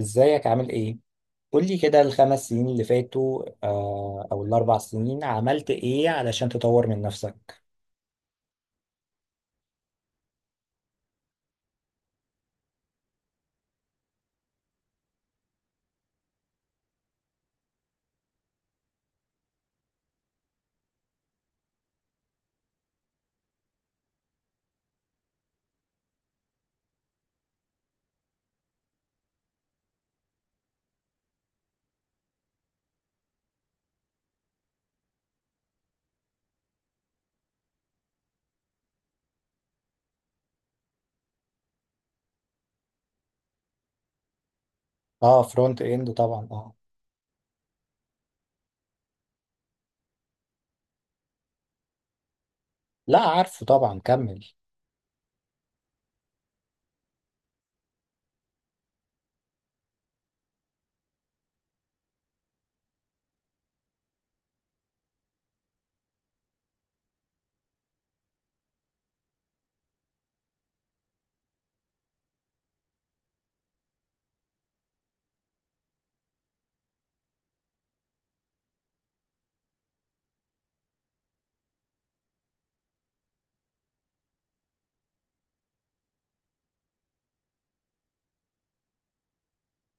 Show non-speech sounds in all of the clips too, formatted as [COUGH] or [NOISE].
ازيك عامل ايه؟ قولي كده الـ5 سنين اللي فاتوا او الـ4 سنين عملت ايه علشان تطور من نفسك؟ اه، فرونت اند طبعا، اه. لا، عارفه طبعا، كمل.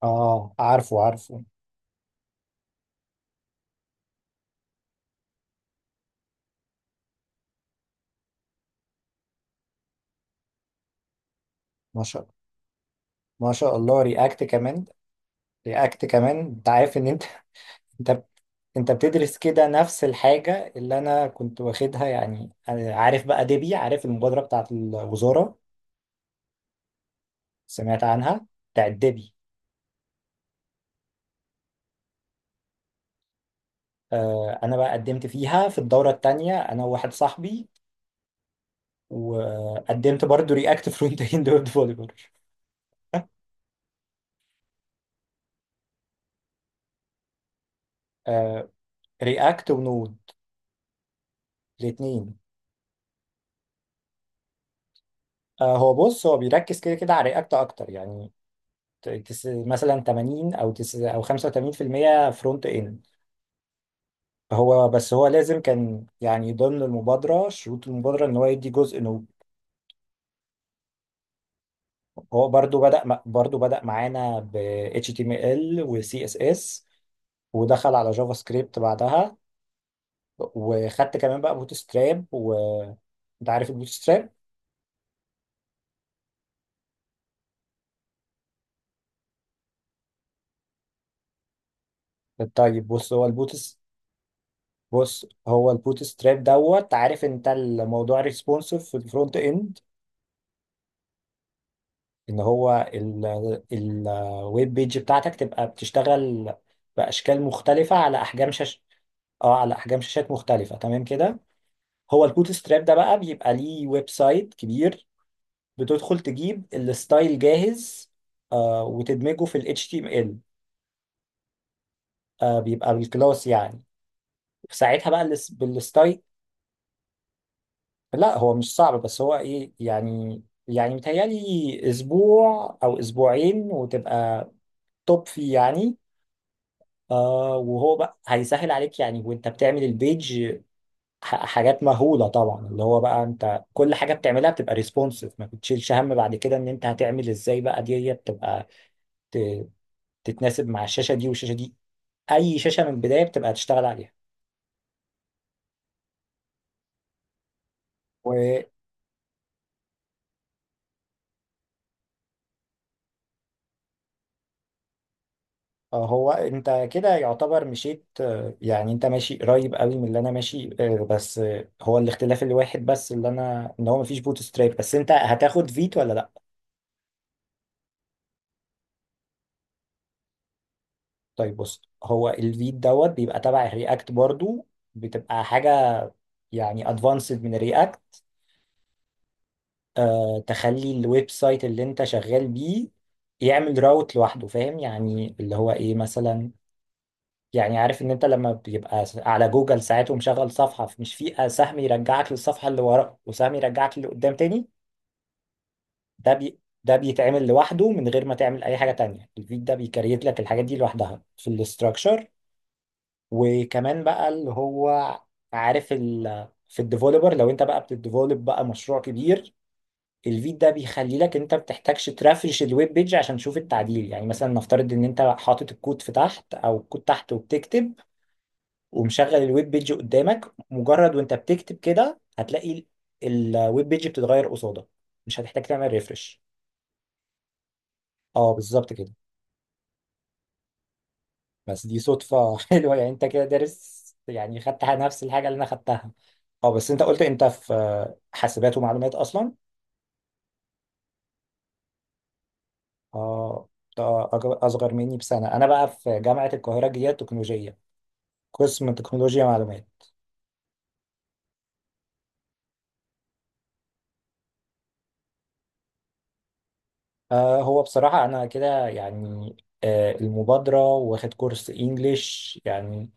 اه، عارفه عارفه. ما شاء ما شاء الله، رياكت كمان. رياكت كمان، انت عارف ان انت [LAUGHS] انت انت بتدرس كده نفس الحاجة اللي انا كنت واخدها، يعني أنا عارف بقى ديبي، عارف المبادرة بتاعت الوزارة. سمعت عنها، بتاعت ديبي. انا بقى قدمت فيها في الدوره الثانيه انا وواحد صاحبي، وقدمت برضو رياكت فرونت اند ويب ديفلوبر. رياكت [LAUGHS] ونود، الاثنين. هو، بص، هو بيركز كده كده على رياكت اكتر يعني. تس مثلا 80 او تس او 85% فرونت اند. هو بس، هو لازم كان، يعني ضمن المبادره شروط المبادره ان هو يدي جزء نود. هو برضو بدا معانا ب HTML و CSS، ودخل على جافا سكريبت بعدها، وخدت كمان بقى بوت ستراب، وانت عارف البوت ستراب. طيب، بص هو البوت ستراب، دوت، عارف انت الموضوع ريسبونسيف في الفرونت اند، ان هو الويب بيج بتاعتك تبقى بتشتغل باشكال مختلفه على احجام شاش. اه، على احجام شاشات مختلفه، تمام كده. هو البوت ستراب ده بقى بيبقى ليه ويب سايت كبير، بتدخل تجيب الستايل جاهز، وتدمجه في ال HTML، بيبقى بالكلاس يعني. ساعتها بقى الاس- بالستاي. لا، هو مش صعب، بس هو ايه يعني، يعني متهيألي اسبوع او اسبوعين وتبقى توب فيه يعني. وهو بقى هيسهل عليك يعني وانت بتعمل البيج. حاجات مهولة طبعا اللي هو بقى انت كل حاجة بتعملها بتبقى ريسبونسيف، ما بتشيلش هم بعد كده ان انت هتعمل ازاي بقى دي بتبقى ت- تتناسب مع الشاشة دي والشاشة دي، اي شاشة من البداية بتبقى هتشتغل عليها. هو انت كده يعتبر مشيت، يعني انت ماشي قريب قوي من اللي انا ماشي، بس، هو الاختلاف الواحد، بس اللي انا ان هو مفيش بوت ستراب، بس انت هتاخد فيت ولا لا؟ طيب، بص، هو الفيت دوت بيبقى تبع الرياكت برضو، بتبقى حاجة يعني ادفانسد من الرياكت. تخلي الويب سايت اللي انت شغال بيه يعمل راوت لوحده، فاهم؟ يعني اللي هو ايه مثلا، يعني عارف ان انت لما بيبقى على جوجل ساعات ومشغل صفحة، مش في سهم يرجعك للصفحة اللي ورا وسهم يرجعك اللي قدام تاني. ده بيتعمل لوحده من غير ما تعمل اي حاجة تانية، الفيد ده بيكريت لك الحاجات دي لوحدها في الاستراكشر. وكمان بقى اللي هو، عارف، في الديفولبر لو انت بقى بتديفولب بقى مشروع كبير، الفيد ده بيخلي لك انت بتحتاجش ترافرش الويب بيج عشان تشوف التعديل، يعني مثلا نفترض ان انت حاطط الكود في تحت او الكود تحت وبتكتب ومشغل الويب بيج قدامك، مجرد وانت بتكتب كده هتلاقي ال- الويب بيج بتتغير قصادك، مش هتحتاج تعمل ريفرش. اه، بالظبط كده. بس دي صدفة [LAUGHS] حلوة، يعني انت كده دارس، يعني خدت نفس الحاجة اللي انا خدتها. اه، بس انت قلت انت في حاسبات ومعلومات اصلا. اه، ده اصغر مني بسنة، انا بقى في جامعة القاهرة الجديدة التكنولوجية، قسم تكنولوجيا معلومات. هو بصراحة انا كده يعني، المبادرة واخد كورس انجليش، يعني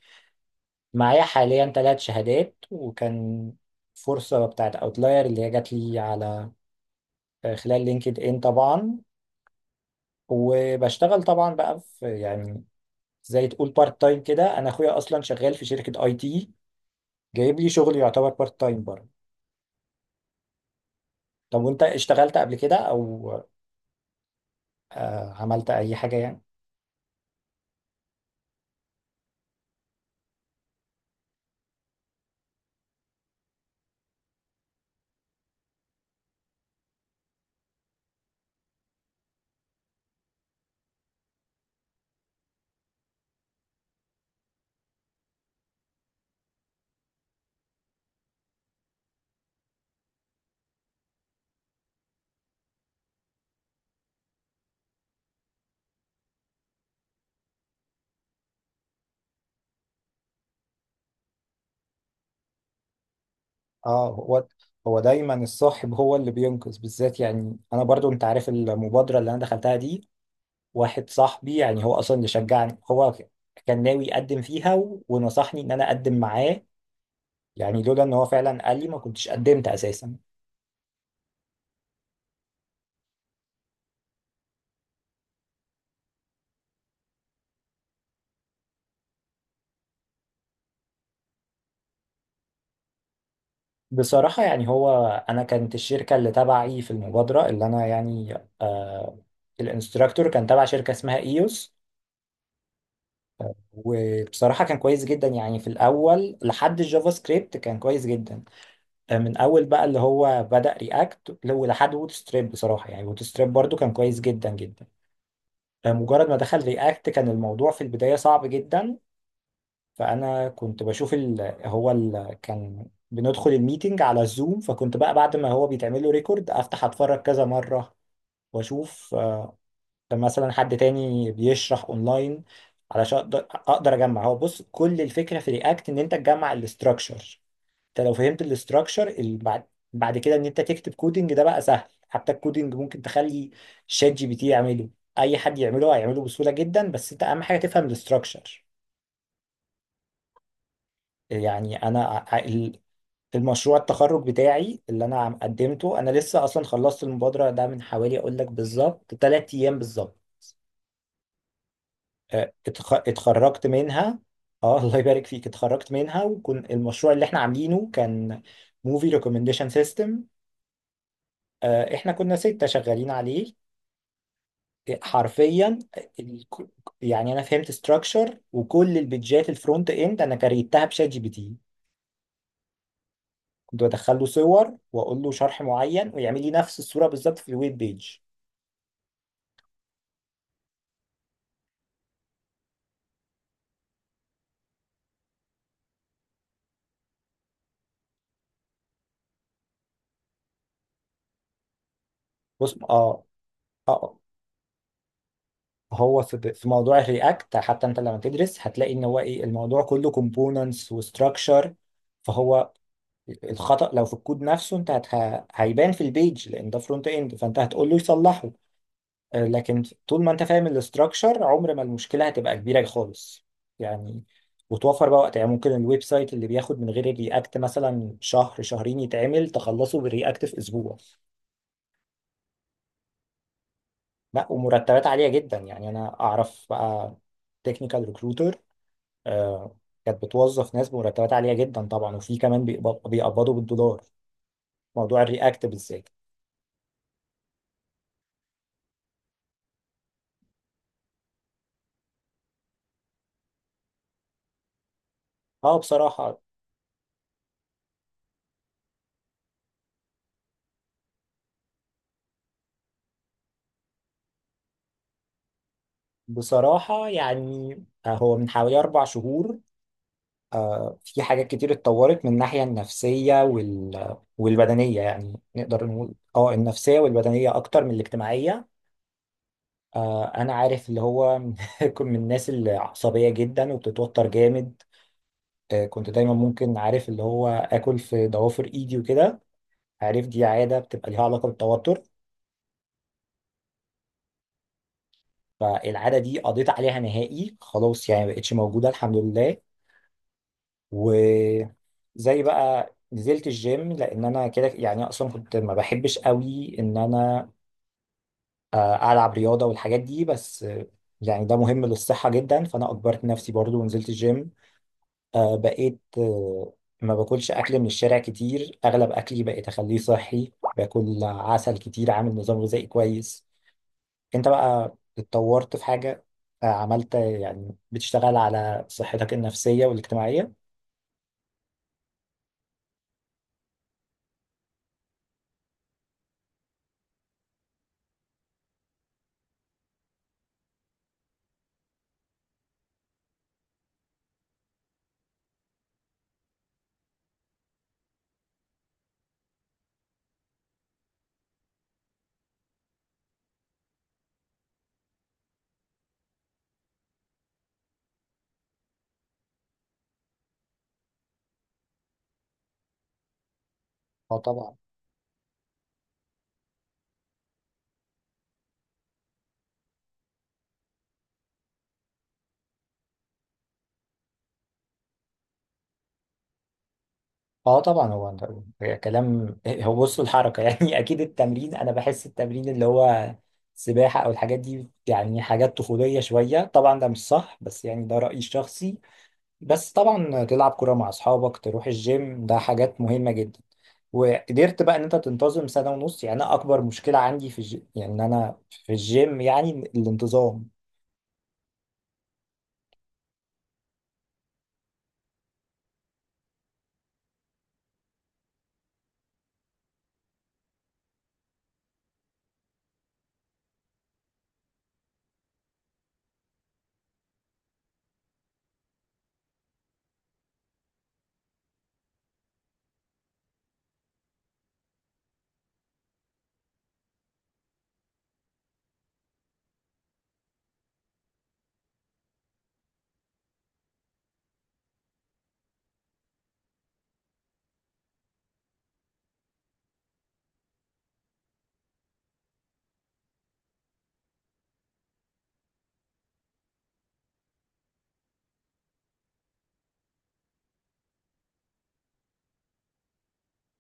معايا حاليا 3 شهادات، وكان فرصة بتاعت اوتلاير اللي هي جات لي على خلال لينكد ان طبعا، وبشتغل طبعا بقى في، يعني زي تقول بارت تايم كده، انا اخويا اصلا شغال في شركة اي تي جايب لي شغل يعتبر بارت تايم برضه. طب وانت اشتغلت قبل كده، او عملت اي حاجة يعني؟ اه، هو دايما الصاحب هو اللي بينقذ بالذات، يعني انا برضو انت عارف المبادرة اللي انا دخلتها دي، واحد صاحبي يعني هو اصلا اللي شجعني، هو كان ناوي يقدم فيها ونصحني ان انا اقدم معاه، يعني لولا ان هو فعلا قال لي ما كنتش قدمت اساسا. بصراحة يعني، هو انا كانت الشركة اللي تبعي في المبادرة اللي انا يعني، آه الانستراكتور كان تبع شركة اسمها ايوس، وبصراحة كان كويس جدا، يعني في الأول لحد الجافا سكريبت كان كويس جدا. من أول بقى اللي هو بدأ رياكت لو لحد ووت ستريب، بصراحة يعني ووت ستريب برضو كان كويس جدا جدا. مجرد ما دخل رياكت كان الموضوع في البداية صعب جدا. فأنا كنت بشوف كان بندخل الميتنج على الزوم، فكنت بقى بعد ما هو بيتعمل له ريكورد أفتح أتفرج كذا مرة، وأشوف مثلا حد تاني بيشرح أونلاين علشان أقدر أجمع. هو، بص، كل الفكرة في رياكت إن أنت تجمع الاستراكشر، انت لو فهمت الاستراكشر بعد كده ان انت تكتب كودنج ده بقى سهل، حتى الكودنج ممكن تخلي شات جي بي تي يعمله، اي حد يعمله هيعمله بسهوله جدا، بس انت اهم حاجه تفهم الاستراكشر. يعني انا، ع- ال- المشروع التخرج بتاعي اللي انا قدمته، انا لسه اصلا خلصت المبادره ده من حوالي، اقول لك بالظبط 3 ايام بالظبط. اه، اتخرجت منها. اه، [LAUGHS] الله يبارك فيك، اتخرجت منها، وكان المشروع اللي احنا عاملينه كان موفي ريكومنديشن سيستم. احنا كنا 6 شغالين عليه حرفيا. ال- يعني انا فهمت ستراكشر وكل البيدجات الفرونت اند انا كريتها بشات جي بي تي، كنت بدخل له صور واقول له شرح معين، ويعمل لي نفس الصورة بالظبط في الويب بيج. بص، اه، اه، هو في موضوع الرياكت حتى انت لما تدرس هتلاقي ان هو ايه الموضوع كله كومبوننتس وستراكشر، فهو الخطأ لو في الكود نفسه انت هيبان في البيج لان ده فرونت اند، فانت هتقول له يصلحه. لكن طول ما انت فاهم الاستراكشر عمر ما المشكله هتبقى كبيره خالص يعني، وتوفر بقى وقت، يعني ممكن الويب سايت اللي بياخد من غير الرياكت مثلا شهر شهرين يتعمل، تخلصه بالرياكت في اسبوع. لا، ومرتبات عاليه جدا، يعني انا اعرف بقى تكنيكال ريكروتر كانت بتوظف ناس بمرتبات عاليه جدا طبعا، وفي كمان بيقبضوا بالدولار، موضوع الرياكت بالذات. اه، بصراحه يعني، هو من حوالي 4 شهور، في حاجات كتير اتطورت من الناحية النفسية والبدنية، يعني نقدر نقول اه، النفسية والبدنية أكتر من الاجتماعية. أنا عارف اللي هو [LAUGHS] كنت من الناس اللي عصبية جدا وبتتوتر جامد. كنت دايما ممكن عارف اللي هو آكل في ضوافر إيدي وكده، عارف دي عادة بتبقى ليها علاقة بالتوتر، فالعادة دي قضيت عليها نهائي خلاص، يعني مبقتش موجودة الحمد لله. و زي بقى نزلت الجيم لان انا كده يعني اصلا كنت ما بحبش قوي ان انا العب رياضه والحاجات دي، بس يعني ده مهم للصحه جدا، فانا اجبرت نفسي برضو ونزلت الجيم. بقيت، ما باكلش اكل من الشارع كتير، اغلب اكلي بقيت اخليه صحي، باكل عسل كتير، عامل نظام غذائي كويس. انت بقى اتطورت في حاجه؟ عملت، يعني بتشتغل على صحتك النفسيه والاجتماعيه؟ اه طبعا. اه طبعا، هو انت، هي كلام، هو، بص، الحركه [LAUGHS] يعني اكيد التمرين، انا بحس التمرين اللي هو سباحه او الحاجات دي يعني حاجات طفوليه شويه، طبعا ده مش صح، بس يعني ده رايي الشخصي. بس طبعا تلعب كوره مع اصحابك تروح الجيم، ده حاجات مهمه جدا. وقدرت بقى ان انت تنتظم سنه ونص، يعني انا اكبر مشكله عندي في يعني ان انا في الجيم يعني الانتظام.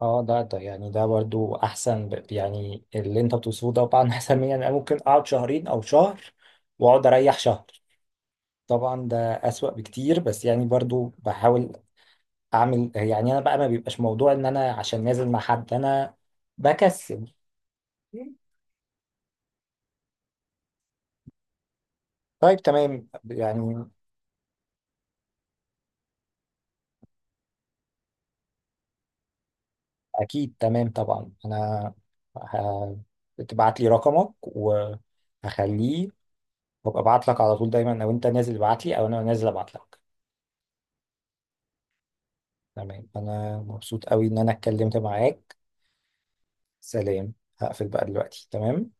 اه، ده يعني ده برضو احسن يعني اللي انت بتوصفه ده طبعا [LAUGHS] احسن مني، يعني انا ممكن اقعد شهرين او شهر، واقعد اريح شهر، طبعا ده اسوأ بكتير، بس يعني برضو بحاول اعمل، يعني انا بقى ما بيبقاش موضوع ان انا عشان نازل مع حد، انا بكسل. طيب، تمام يعني. اكيد تمام طبعا، انا ه- تبعت لي رقمك وهخليه، وابقى ابعت لك على طول دايما، او انت نازل ابعت لي او انا نازل ابعت لك. تمام، انا مبسوط قوي ان انا اتكلمت معاك، سلام، هقفل بقى دلوقتي، تمام.